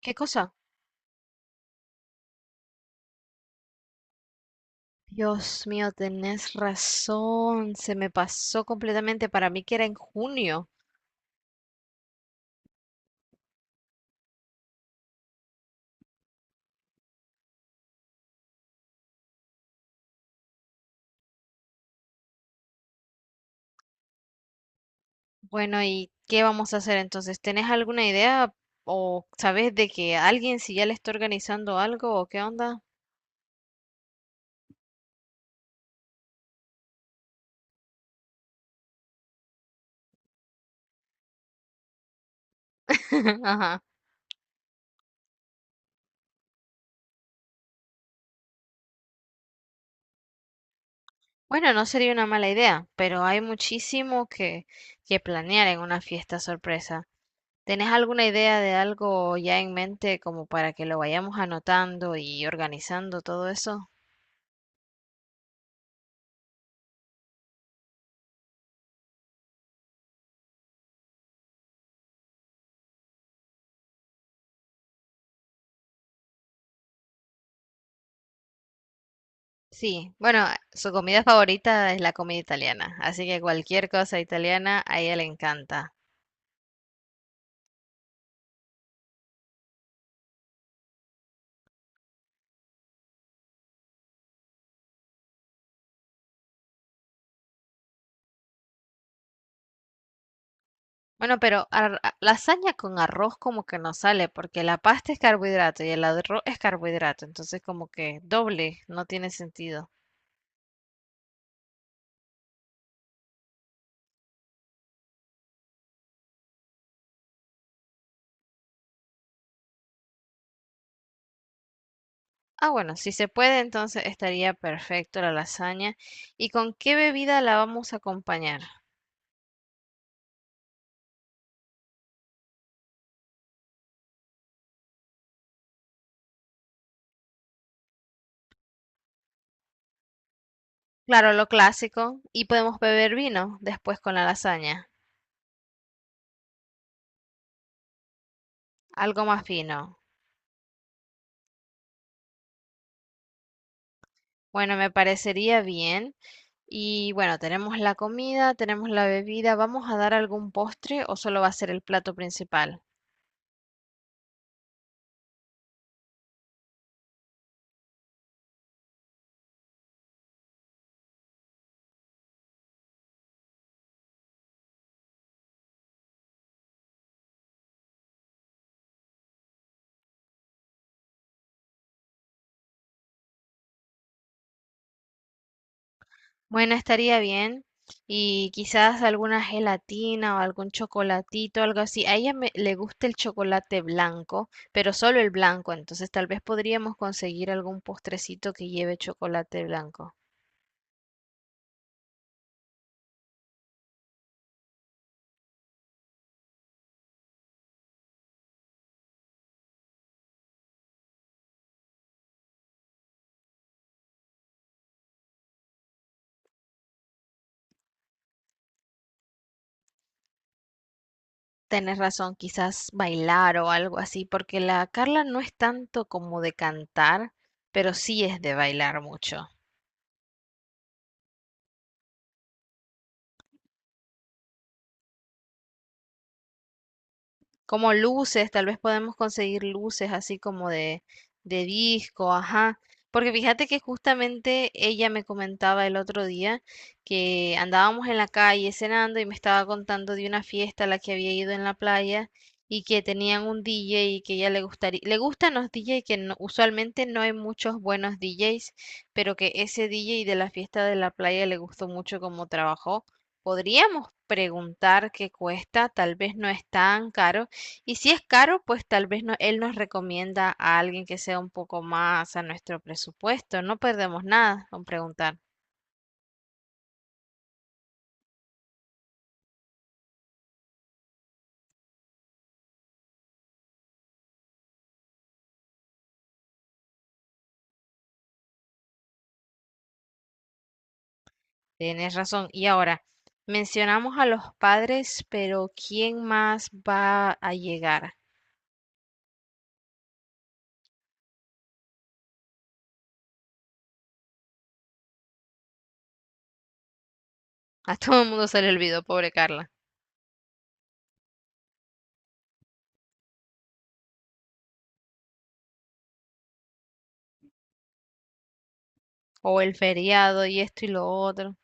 ¿Qué cosa? Dios mío, tenés razón. Se me pasó completamente para mí que era en junio. Bueno, ¿y qué vamos a hacer entonces? ¿Tenés alguna idea o sabés de que alguien si ya le está organizando algo o qué onda? Ajá. Bueno, no sería una mala idea, pero hay muchísimo que planear en una fiesta sorpresa. ¿Tenés alguna idea de algo ya en mente como para que lo vayamos anotando y organizando todo eso? Sí, bueno, su comida favorita es la comida italiana, así que cualquier cosa italiana a ella le encanta. Bueno, pero lasaña con arroz como que no sale, porque la pasta es carbohidrato y el arroz es carbohidrato, entonces como que doble, no tiene sentido. Ah, bueno, si se puede, entonces estaría perfecto la lasaña. ¿Y con qué bebida la vamos a acompañar? Claro, lo clásico, y podemos beber vino después con la lasaña, algo más fino. Bueno, me parecería bien. Y bueno, tenemos la comida, tenemos la bebida. ¿Vamos a dar algún postre o solo va a ser el plato principal? Bueno, estaría bien. Y quizás alguna gelatina o algún chocolatito, algo así. A ella le gusta el chocolate blanco, pero solo el blanco. Entonces tal vez podríamos conseguir algún postrecito que lleve chocolate blanco. Tenés razón, quizás bailar o algo así, porque la Carla no es tanto como de cantar, pero sí es de bailar mucho. Como luces, tal vez podemos conseguir luces así como de, disco, ajá. Porque fíjate que justamente ella me comentaba el otro día que andábamos en la calle cenando y me estaba contando de una fiesta a la que había ido en la playa y que tenían un DJ y que ella le gustaría, le gustan los DJ que no- usualmente no hay muchos buenos DJs, pero que ese DJ de la fiesta de la playa le gustó mucho cómo trabajó. Podríamos preguntar qué cuesta, tal vez no es tan caro y si es caro, pues tal vez no, él nos recomienda a alguien que sea un poco más a nuestro presupuesto. No perdemos nada con preguntar. Tienes razón. Y ahora, mencionamos a los padres, pero ¿quién más va a llegar? A todo el mundo se le olvidó, pobre Carla. O el feriado y esto y lo otro.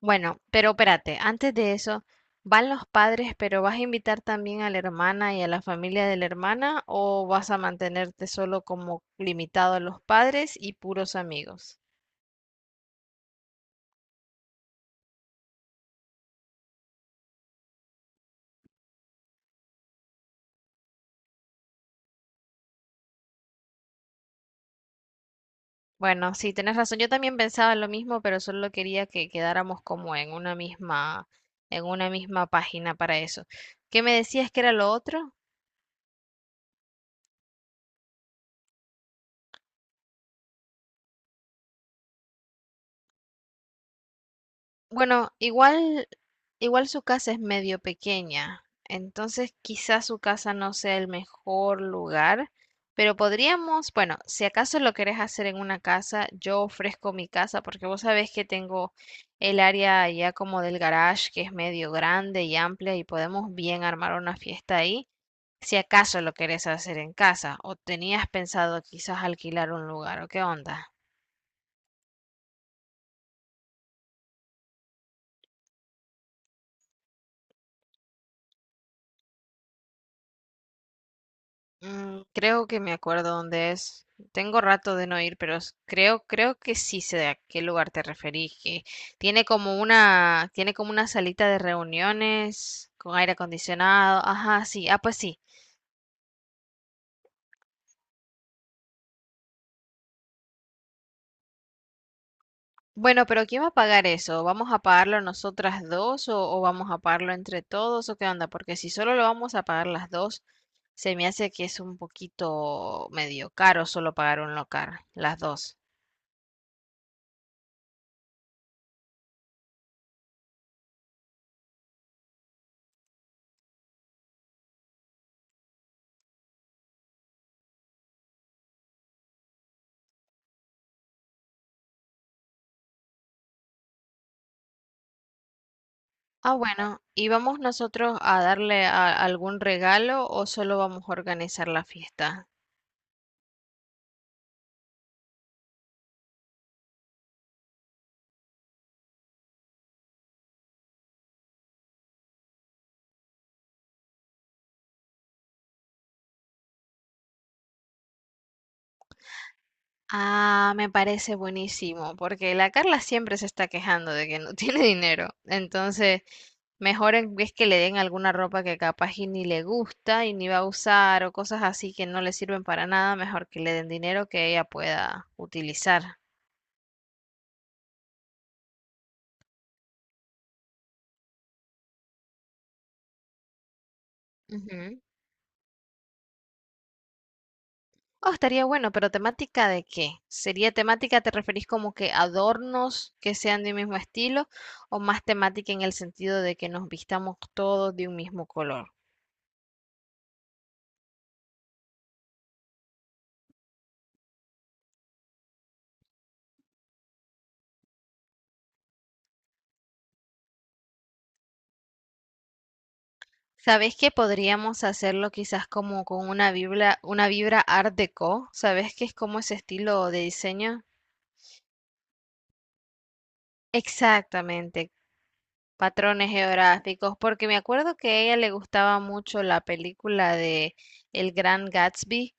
Bueno, pero espérate, antes de eso, ¿van los padres, pero vas a invitar también a la hermana y a la familia de la hermana o vas a mantenerte solo como limitado a los padres y puros amigos? Bueno, sí, tenés razón. Yo también pensaba lo mismo, pero solo quería que quedáramos como en una misma página para eso. ¿Qué me decías que era lo otro? Bueno, igual su casa es medio pequeña, entonces quizás su casa no sea el mejor lugar, pero podríamos, bueno, si acaso lo querés hacer en una casa, yo ofrezco mi casa porque vos sabés que tengo el área ya como del garage que es medio grande y amplia y podemos bien armar una fiesta ahí, si acaso lo querés hacer en casa o tenías pensado quizás alquilar un lugar o qué onda. Mm, creo que me acuerdo dónde es. Tengo rato de no ir, pero creo, que sí sé a qué lugar te referís. Que tiene como una salita de reuniones con aire acondicionado. Ajá, sí. Ah, pues sí. Bueno, pero ¿quién va a pagar eso? ¿Vamos a pagarlo nosotras dos o vamos a pagarlo entre todos o qué onda? Porque si solo lo vamos a pagar las dos, se me hace que es un poquito medio caro solo pagar un local, las dos. Ah, bueno, ¿y vamos nosotros a darle algún regalo o solo vamos a organizar la fiesta? Ah, me parece buenísimo, porque la Carla siempre se está quejando de que no tiene dinero. Entonces, mejor en vez que le den alguna ropa que capaz y ni le gusta y ni va a usar o cosas así que no le sirven para nada, mejor que le den dinero que ella pueda utilizar. Ujú. Oh, estaría bueno, pero ¿temática de qué? ¿Sería temática, te referís como que adornos que sean de un mismo estilo o más temática en el sentido de que nos vistamos todos de un mismo color? ¿Sabés que podríamos hacerlo quizás como con una vibra Art Deco? ¿Sabés qué es como ese estilo de diseño? Exactamente, patrones geográficos, porque me acuerdo que a ella le gustaba mucho la película de El Gran Gatsby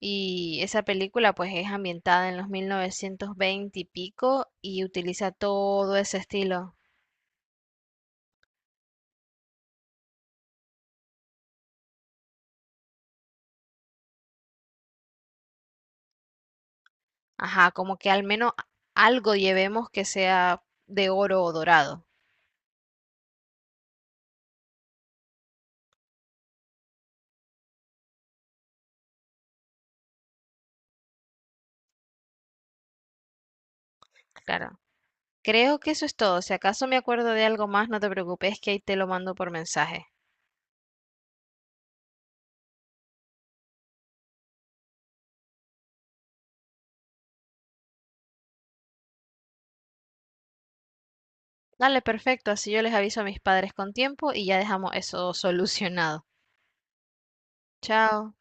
y esa película pues es ambientada en los 1920 y pico y utiliza todo ese estilo. Ajá, como que al menos algo llevemos que sea de oro o dorado. Claro. Creo que eso es todo. Si acaso me acuerdo de algo más, no te preocupes, que ahí te lo mando por mensaje. Dale, perfecto. Así yo les aviso a mis padres con tiempo y ya dejamos eso solucionado. Chao.